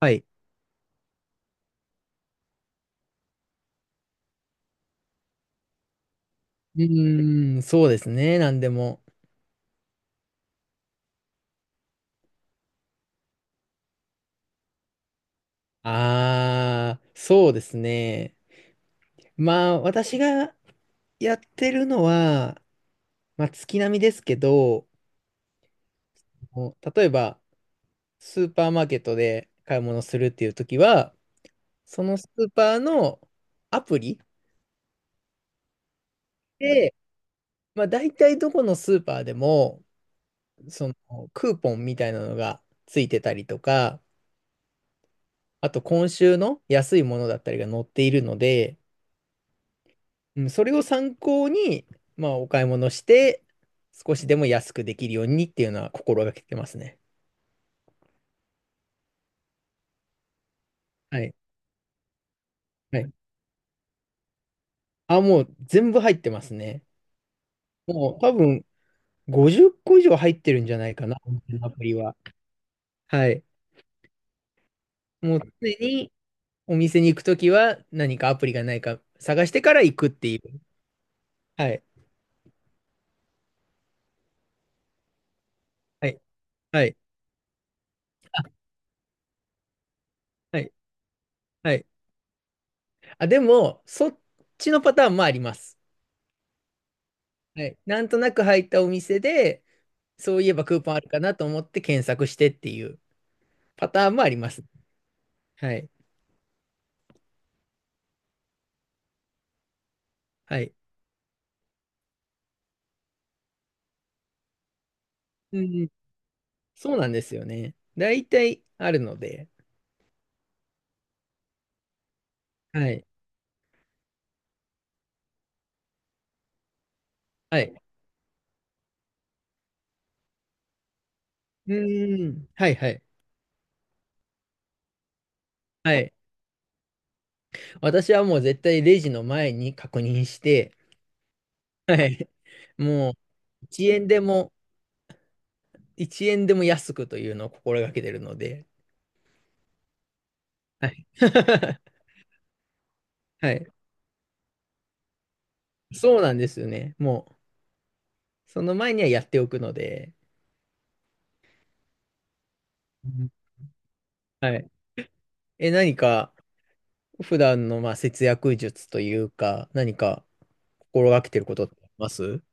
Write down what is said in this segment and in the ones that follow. はい。うーん、そうですね。なんでも。あー、そうですね。私がやってるのは、月並みですけど、もう例えば、スーパーマーケットで買い物するっていう時は、そのスーパーのアプリで、大体どこのスーパーでも、その、クーポンみたいなのがついてたりとか、あと、今週の安いものだったりが載っているので、うん、それを参考に、お買い物して、少しでも安くできるようにっていうのは心がけてますね。はい。はい。あ、もう全部入ってますね。もう多分50個以上入ってるんじゃないかな、お店のアプリは。はい。もう常にお店に行くときは何かアプリがないか探してから行くっていう。はい。はい。はい。あ、はい。はい。あ、でも、そっちのパターンもあります。はい。なんとなく入ったお店で、そういえばクーポンあるかなと思って検索してっていうパターンもあります。はい。はい。うん。そうなんですよね。大体あるので。はい。はい。うーん。はいはい。はい。私はもう絶対レジの前に確認して、はい。もう1円でも、1円でも安くというのを心がけてるので。はい。はい。そうなんですよね。もう、その前にはやっておくので。うん、はい。え、何か、普段の節約術というか、何か心がけてることってあります？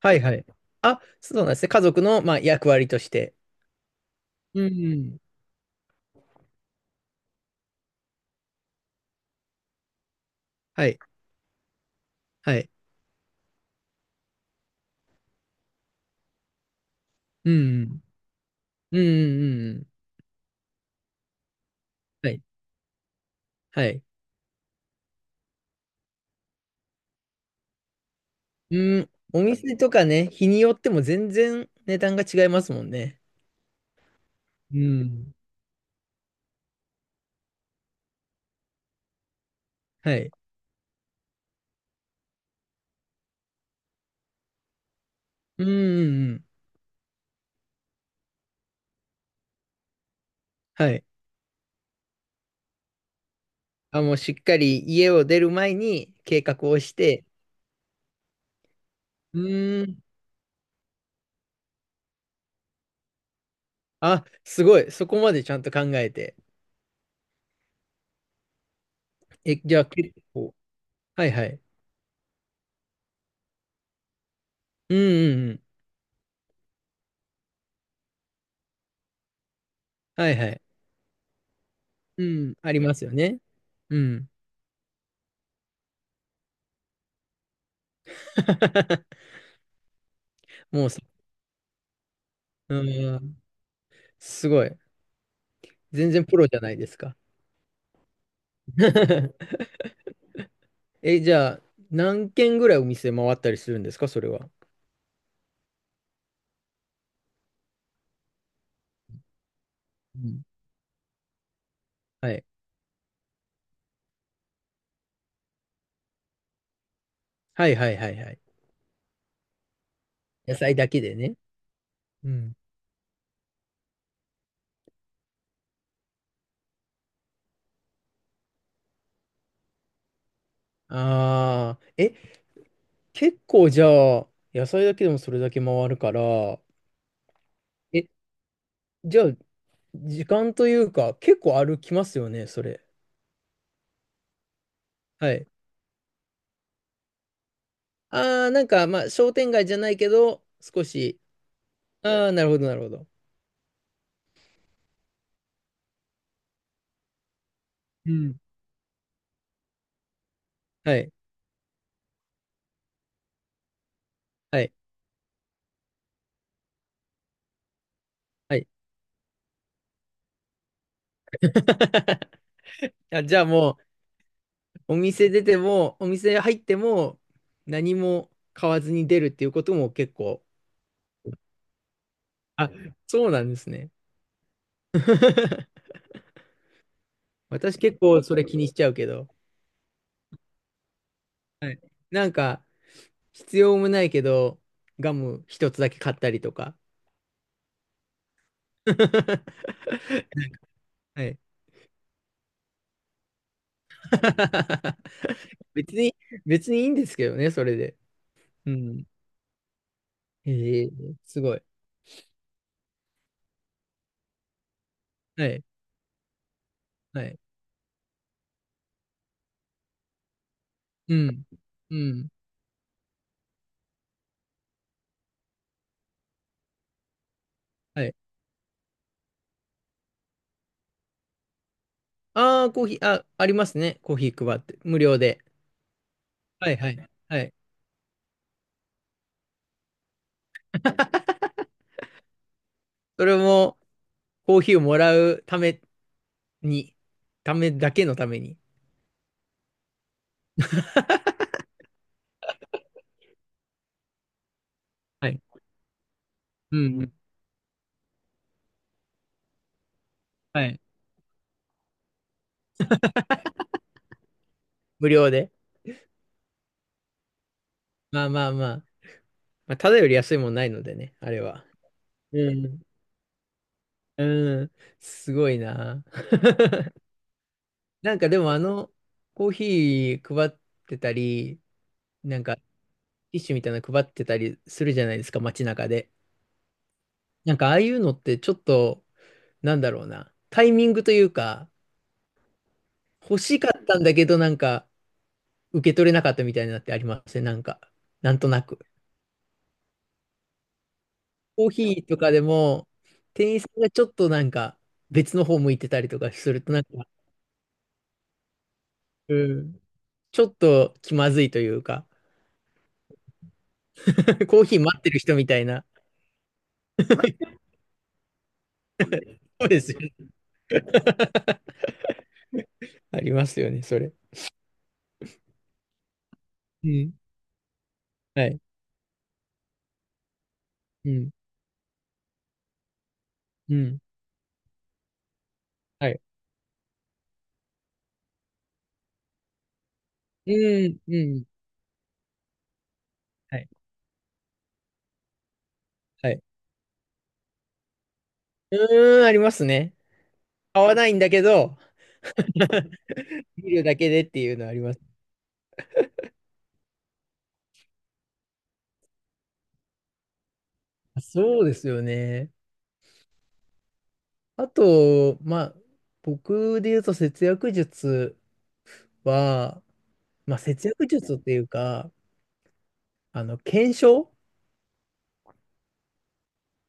はいはい。あ、そうなんですね。家族の役割として。うんうん。はい。はい。うんうん。うんうんうんうん。はい。はい。うんはいはいうん、お店とかね、日によっても全然値段が違いますもんね。うん。はい。うんうんうん。はい。あ、もうしっかり家を出る前に計画をして、うーん。あ、すごい。そこまでちゃんと考えて。え、じゃあ結構はいはい。うんうんうん。はいはい。うん。ありますよね。うん。もうさ、うん。すごい。全然プロじゃないですか。え、じゃあ、何軒ぐらいお店回ったりするんですか、それは。うん。はい。はいはいはいはい。野菜だけでね。うん。ああ、え、結構じゃあ、野菜だけでもそれだけ回るから、え、じゃあ、時間というか、結構歩きますよね、それ。はい。ああ、商店街じゃないけど、少し、ああ、なるほど、なるほど。うん。はい、はい、はい。あ、じゃあもう、お店出ても、お店入っても、何も買わずに出るっていうことも結構、あ、そうなんですね。私結構それ気にしちゃうけど、はい。なんか、必要もないけど、ガム一つだけ買ったりとか。はい。 別に、別にいいんですけどね、それで。うん。ええ、すごい。はい。はい。うん。うん。はい。ああ、コーヒー、あ、ありますね。コーヒー配って。無料で。はい、はい。はい。それも、コーヒーをもらうために、ためだけのために。はい。うん。うん、はい。無料で。まあまあまあ。まあ、ただより安いもんないのでね、あれは。うん。うん。すごいな。なんかでもコーヒー配ってたり、なんかティッシュみたいなの配ってたりするじゃないですか、街中で。なんかああいうのってちょっと、なんだろうな、タイミングというか、欲しかったんだけど、なんか受け取れなかったみたいなのってありますね、なんか、なんとなく。コーヒーとかでも、店員さんがちょっとなんか別の方向いてたりとかすると、なんか、うん、ちょっと気まずいというか、コーヒー待ってる人みたいな。そうですよね。ありますよね、それ。うん。はい。うん。うん。はい。うん。うん。はい。はい。うーん、ありますね。買わないんだけど、見るだけでっていうのはあります。そうですよね。あと、僕で言うと節約術は、まあ、節約術っていうか、検証、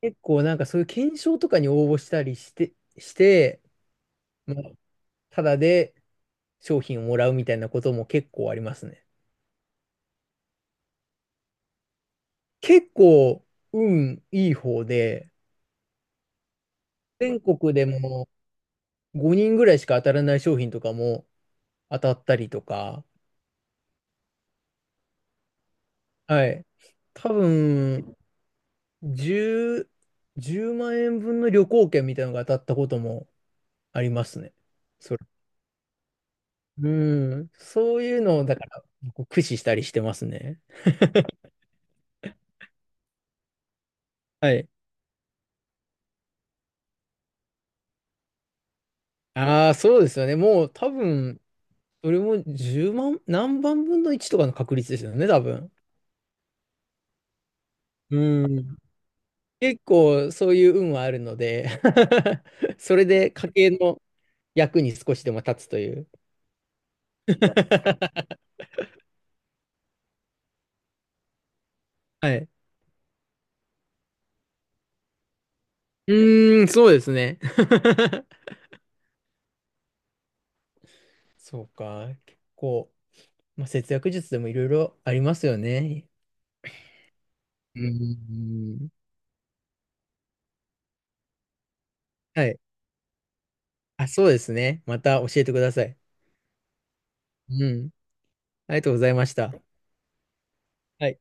結構なんかそういう検証とかに応募したりして、して、まあ、ただで商品をもらうみたいなことも結構ありますね。結構、運いい方で、全国でも5人ぐらいしか当たらない商品とかも当たったりとか、はい。多分、10、10万円分の旅行券みたいなのが当たったこともありますね。それ。うん。そういうのを、だから、こう駆使したりしてますね。はい。ああ、そうですよね。もう多分、それも10万、何万分の1とかの確率ですよね、多分。うん。結構そういう運はあるので。 それで家計の役に少しでも立つという。 はい。うーん、そうですね。そうか。結構、節約術でもいろいろありますよね。うーん。はい。あ、そうですね。また教えてください。うん。ありがとうございました。はい。